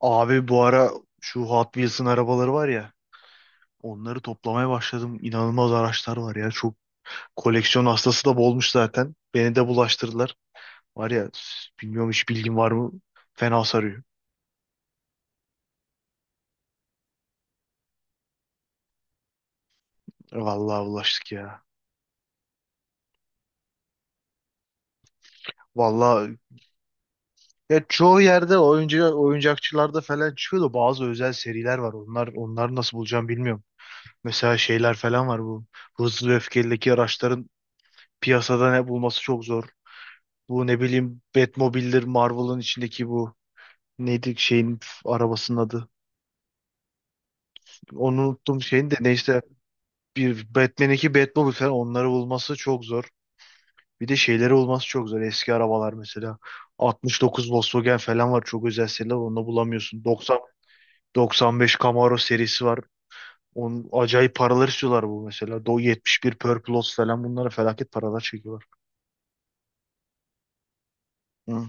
Abi bu ara şu Hot Wheels'ın arabaları var ya, onları toplamaya başladım. İnanılmaz araçlar var ya. Çok koleksiyon hastası da bolmuş zaten. Beni de bulaştırdılar. Var ya, bilmiyorum, hiç bilgin var mı? Fena sarıyor. Vallahi bulaştık ya. Vallahi, ya çoğu yerde oyuncakçılarda falan çıkıyor da bazı özel seriler var. Onları nasıl bulacağım bilmiyorum. Mesela şeyler falan var bu. Hızlı ve Öfkeli'deki araçların piyasada ne bulması çok zor. Bu, ne bileyim, Batmobile'dir, Marvel'ın içindeki bu. Neydi şeyin arabasının adı? Onu unuttum, şeyin de, neyse, bir Batman 2 Batmobile falan, onları bulması çok zor. Bir de şeyleri bulması çok zor. Eski arabalar mesela, 69 Volkswagen falan var, çok özel seriler, onu bulamıyorsun. 90 95 Camaro serisi var. Onun acayip paralar istiyorlar, bu mesela. 71 Purple Lotus falan, bunlara felaket paralar çekiyorlar. Hı,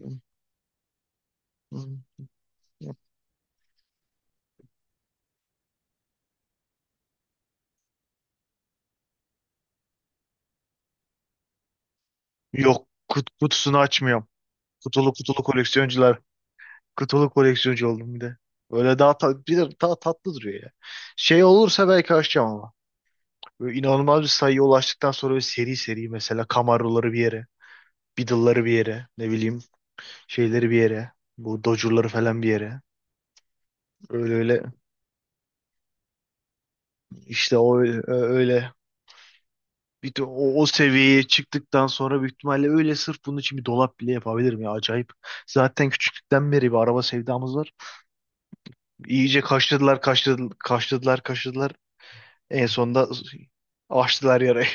hı, hı. Yok, kutusunu açmıyorum. Kutulu kutulu koleksiyoncular. Kutulu koleksiyoncu oldum bir de. Böyle bir de daha tatlı duruyor ya. Şey olursa belki açacağım ama. Böyle inanılmaz bir sayıya ulaştıktan sonra, böyle seri seri mesela, Camaro'ları bir yere, Beetle'ları bir yere, ne bileyim şeyleri bir yere, bu Dodge'ları falan bir yere. Öyle öyle işte öyle, bir de o seviyeye çıktıktan sonra büyük ihtimalle öyle sırf bunun için bir dolap bile yapabilirim ya, acayip. Zaten küçüklükten beri bir araba sevdamız var. İyice kaşladılar, kaşladılar, kaşladılar, kaşladılar. En sonunda açtılar yarayı.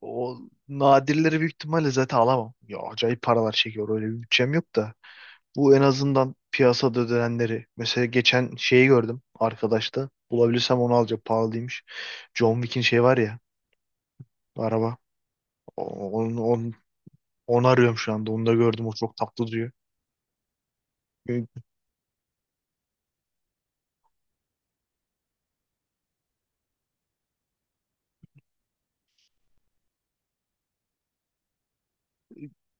O nadirleri büyük ihtimalle zaten alamam. Ya acayip paralar çekiyor. Öyle bir bütçem yok da. Bu en azından piyasada ödenenleri. Mesela geçen şeyi gördüm arkadaşta. Bulabilirsem onu alacağım. Pahalıymış. John Wick'in şey var ya, araba. O- Onu, onu, onu arıyorum şu anda. Onu da gördüm. O çok tatlı duruyor.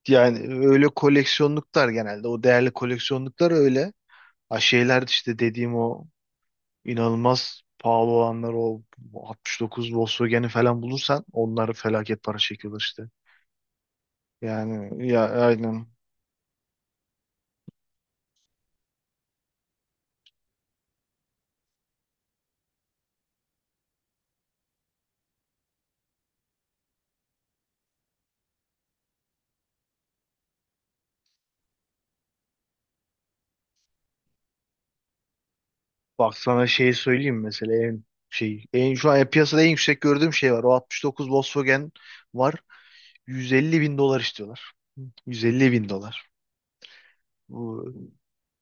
Yani öyle koleksiyonluklar genelde. O değerli koleksiyonluklar öyle. Ha, şeyler işte dediğim o, İnanılmaz pahalı olanlar o 69 Volkswagen'i falan bulursan, onları felaket para çekiyorlar işte. Yani ya, aynen. Bak sana şeyi söyleyeyim, mesela en şu an piyasada en yüksek gördüğüm şey var. O 69 Volkswagen var. 150 bin dolar istiyorlar. 150 bin dolar. Bu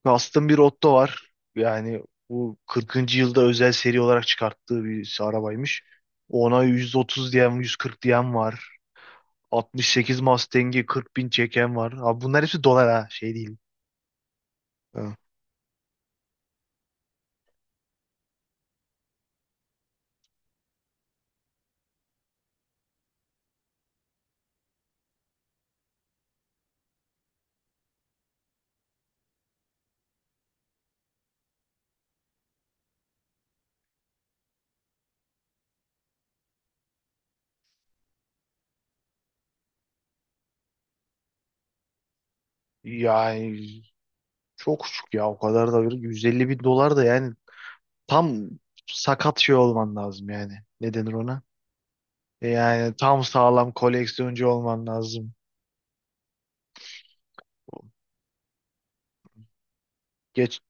Custom bir Otto var. Yani bu 40. yılda özel seri olarak çıkarttığı bir arabaymış. Ona 130 diyen, 140 diyen var. 68 Mustang'i 40 bin çeken var. Abi, bunlar hepsi dolar ha, şey değil. Ha. Yani çok küçük ya, o kadar da bir 150 bin dolar da yani tam sakat şey olman lazım yani. Ne denir ona? Yani tam sağlam koleksiyoncu olman lazım. Geç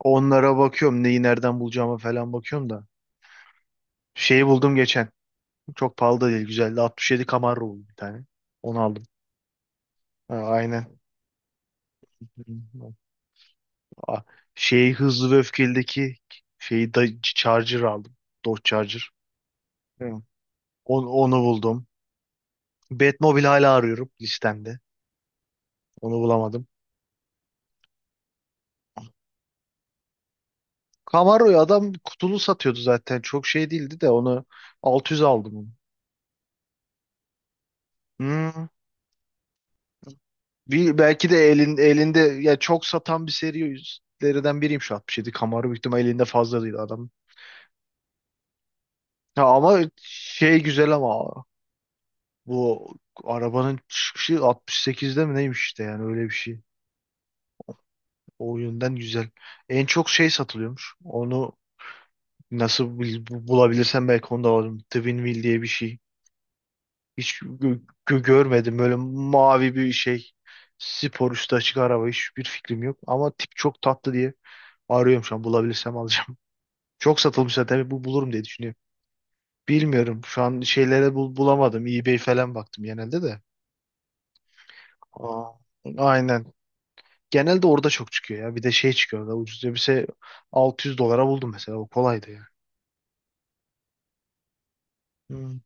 Onlara bakıyorum, neyi nereden bulacağıma falan bakıyorum da. Şeyi buldum geçen. Çok pahalı da değil, güzeldi. 67 Camaro buldum bir tane. Onu aldım. Ha, aynen. Aa, şey, hızlı ve öfkelideki şeyi da Charger aldım. Dodge Charger. Hı. Onu buldum. Batmobile hala arıyorum listemde. Onu bulamadım. Camaro'yu adam kutulu satıyordu zaten. Çok şey değildi de, onu 600 aldım onu. Hmm. Belki de elinde ya, çok satan bir serilerden biriyim şu 67. Camaro büyük ihtimal elinde fazla değil adam. Ya ama şey güzel ama bu arabanın çıkışı 68'de mi neymiş işte, yani öyle bir şey. O yönden güzel. En çok şey satılıyormuş. Onu nasıl bulabilirsem belki onu da alırım. Twin diye bir şey. Hiç görmedim. Böyle mavi bir şey. Spor üstü açık araba. Hiçbir fikrim yok. Ama tip çok tatlı diye arıyorum şu an. Bulabilirsem alacağım. Çok satılmış zaten. Bu bulurum diye düşünüyorum. Bilmiyorum. Şu an şeylere bulamadım. eBay falan baktım genelde de. Aa, aynen. Genelde orada çok çıkıyor ya. Bir de şey çıkıyor orada. Ucuz elbise 600 dolara buldum mesela. O kolaydı ya.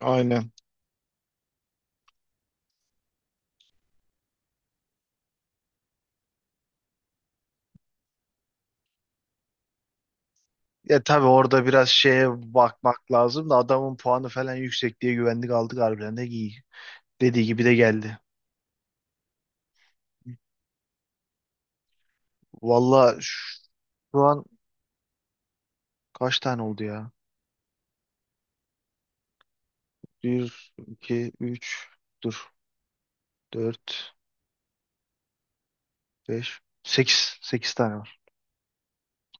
Aynen. Ya tabii orada biraz şeye bakmak lazım da, adamın puanı falan yüksek diye güvendik aldık, harbiden de iyi. Dediği gibi de geldi. Valla şu an kaç tane oldu ya? Bir, iki, üç, dur, dört, beş, sekiz, 8 tane var.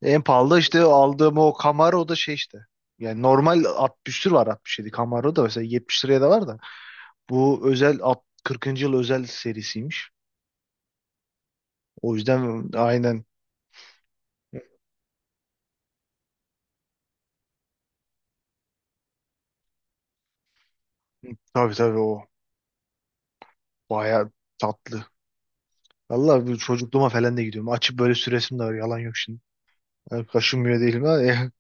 En pahalı da işte aldığım o Camaro da şey işte. Yani normal 60 tür var, 67 Camaro da mesela 70 liraya da var da. Bu özel 40. yıl özel serisiymiş. O yüzden aynen. Tabii tabii o. Baya tatlı. Vallahi bu çocukluğuma falan da gidiyorum. Açıp böyle süresim de var. Yalan yok şimdi. Yani kaşınmıyor değilim ha.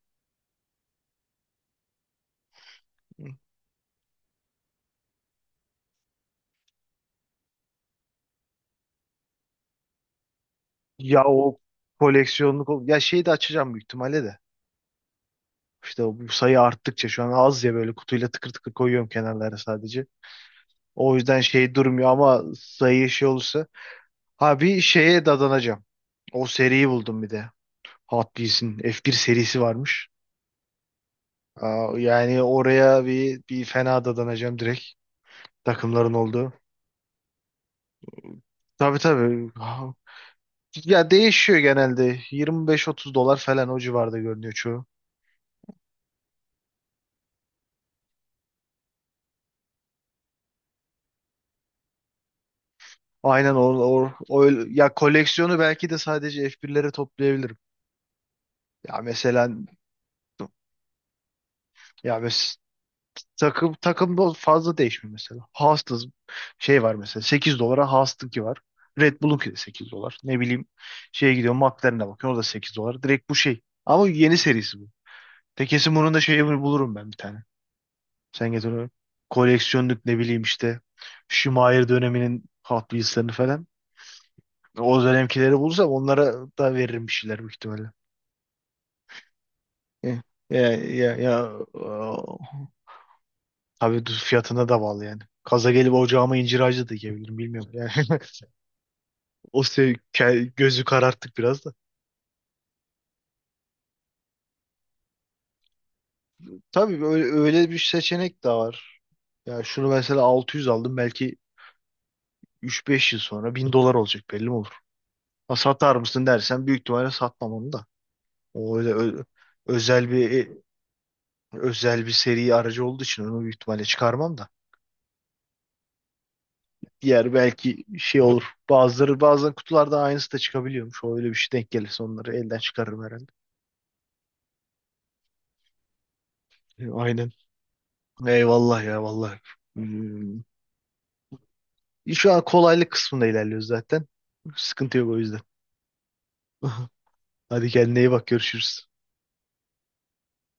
Ya o koleksiyonluk ya şeyi de açacağım büyük ihtimalle de. İşte bu sayı arttıkça şu an az ya, böyle kutuyla tıkır tıkır koyuyorum kenarlara sadece. O yüzden şey durmuyor ama sayı şey olursa. Ha, bir şeye dadanacağım. O seriyi buldum bir de. Hot Wheels'in F1 serisi varmış. Aa, yani oraya bir fena dadanacağım direkt. Takımların olduğu. Tabii tabii. Ya değişiyor genelde. 25-30 dolar falan o civarda görünüyor çoğu. Aynen o ya, koleksiyonu belki de sadece F1'lere toplayabilirim. Ya mesela ya mes takım takımda fazla değişmiyor mesela. Haas'ta şey var mesela 8 dolara Haas'tınki var. Red Bull'unki de 8 dolar. Ne bileyim şeye gidiyor, McLaren'e bakıyor, o da 8 dolar. Direkt bu şey. Ama yeni serisi bu. Tekesi bunun da şeyi bulurum ben bir tane. Sen getir onu. Koleksiyonluk ne bileyim işte. Schumacher döneminin Hot Wheels'lerini falan. O dönemkileri bulursam onlara da veririm bir şeyler büyük ihtimalle. Ya, ya, ya, ya, tabii düz fiyatına da bağlı yani. Kaza gelip ocağıma incir ağacı da dikebilirim, bilmiyorum. Yani gözü kararttık biraz da. Tabii, öyle öyle bir seçenek de var. Ya şunu mesela 600 aldım, belki 3-5 yıl sonra 1000 dolar olacak, belli mi olur? Ha, satar mısın dersen büyük ihtimalle satmam onu da. O öyle ö- özel bir e, özel bir seri aracı olduğu için onu büyük ihtimalle çıkarmam da. Diğer belki şey olur. Bazıları bazen kutularda aynısı da çıkabiliyormuş. O, öyle bir şey denk gelirse onları elden çıkarırım herhalde. Aynen. Eyvallah ya, vallahi. Hmm. Şu an kolaylık kısmında ilerliyoruz zaten. Sıkıntı yok o yüzden. Hadi, kendine iyi bak, görüşürüz.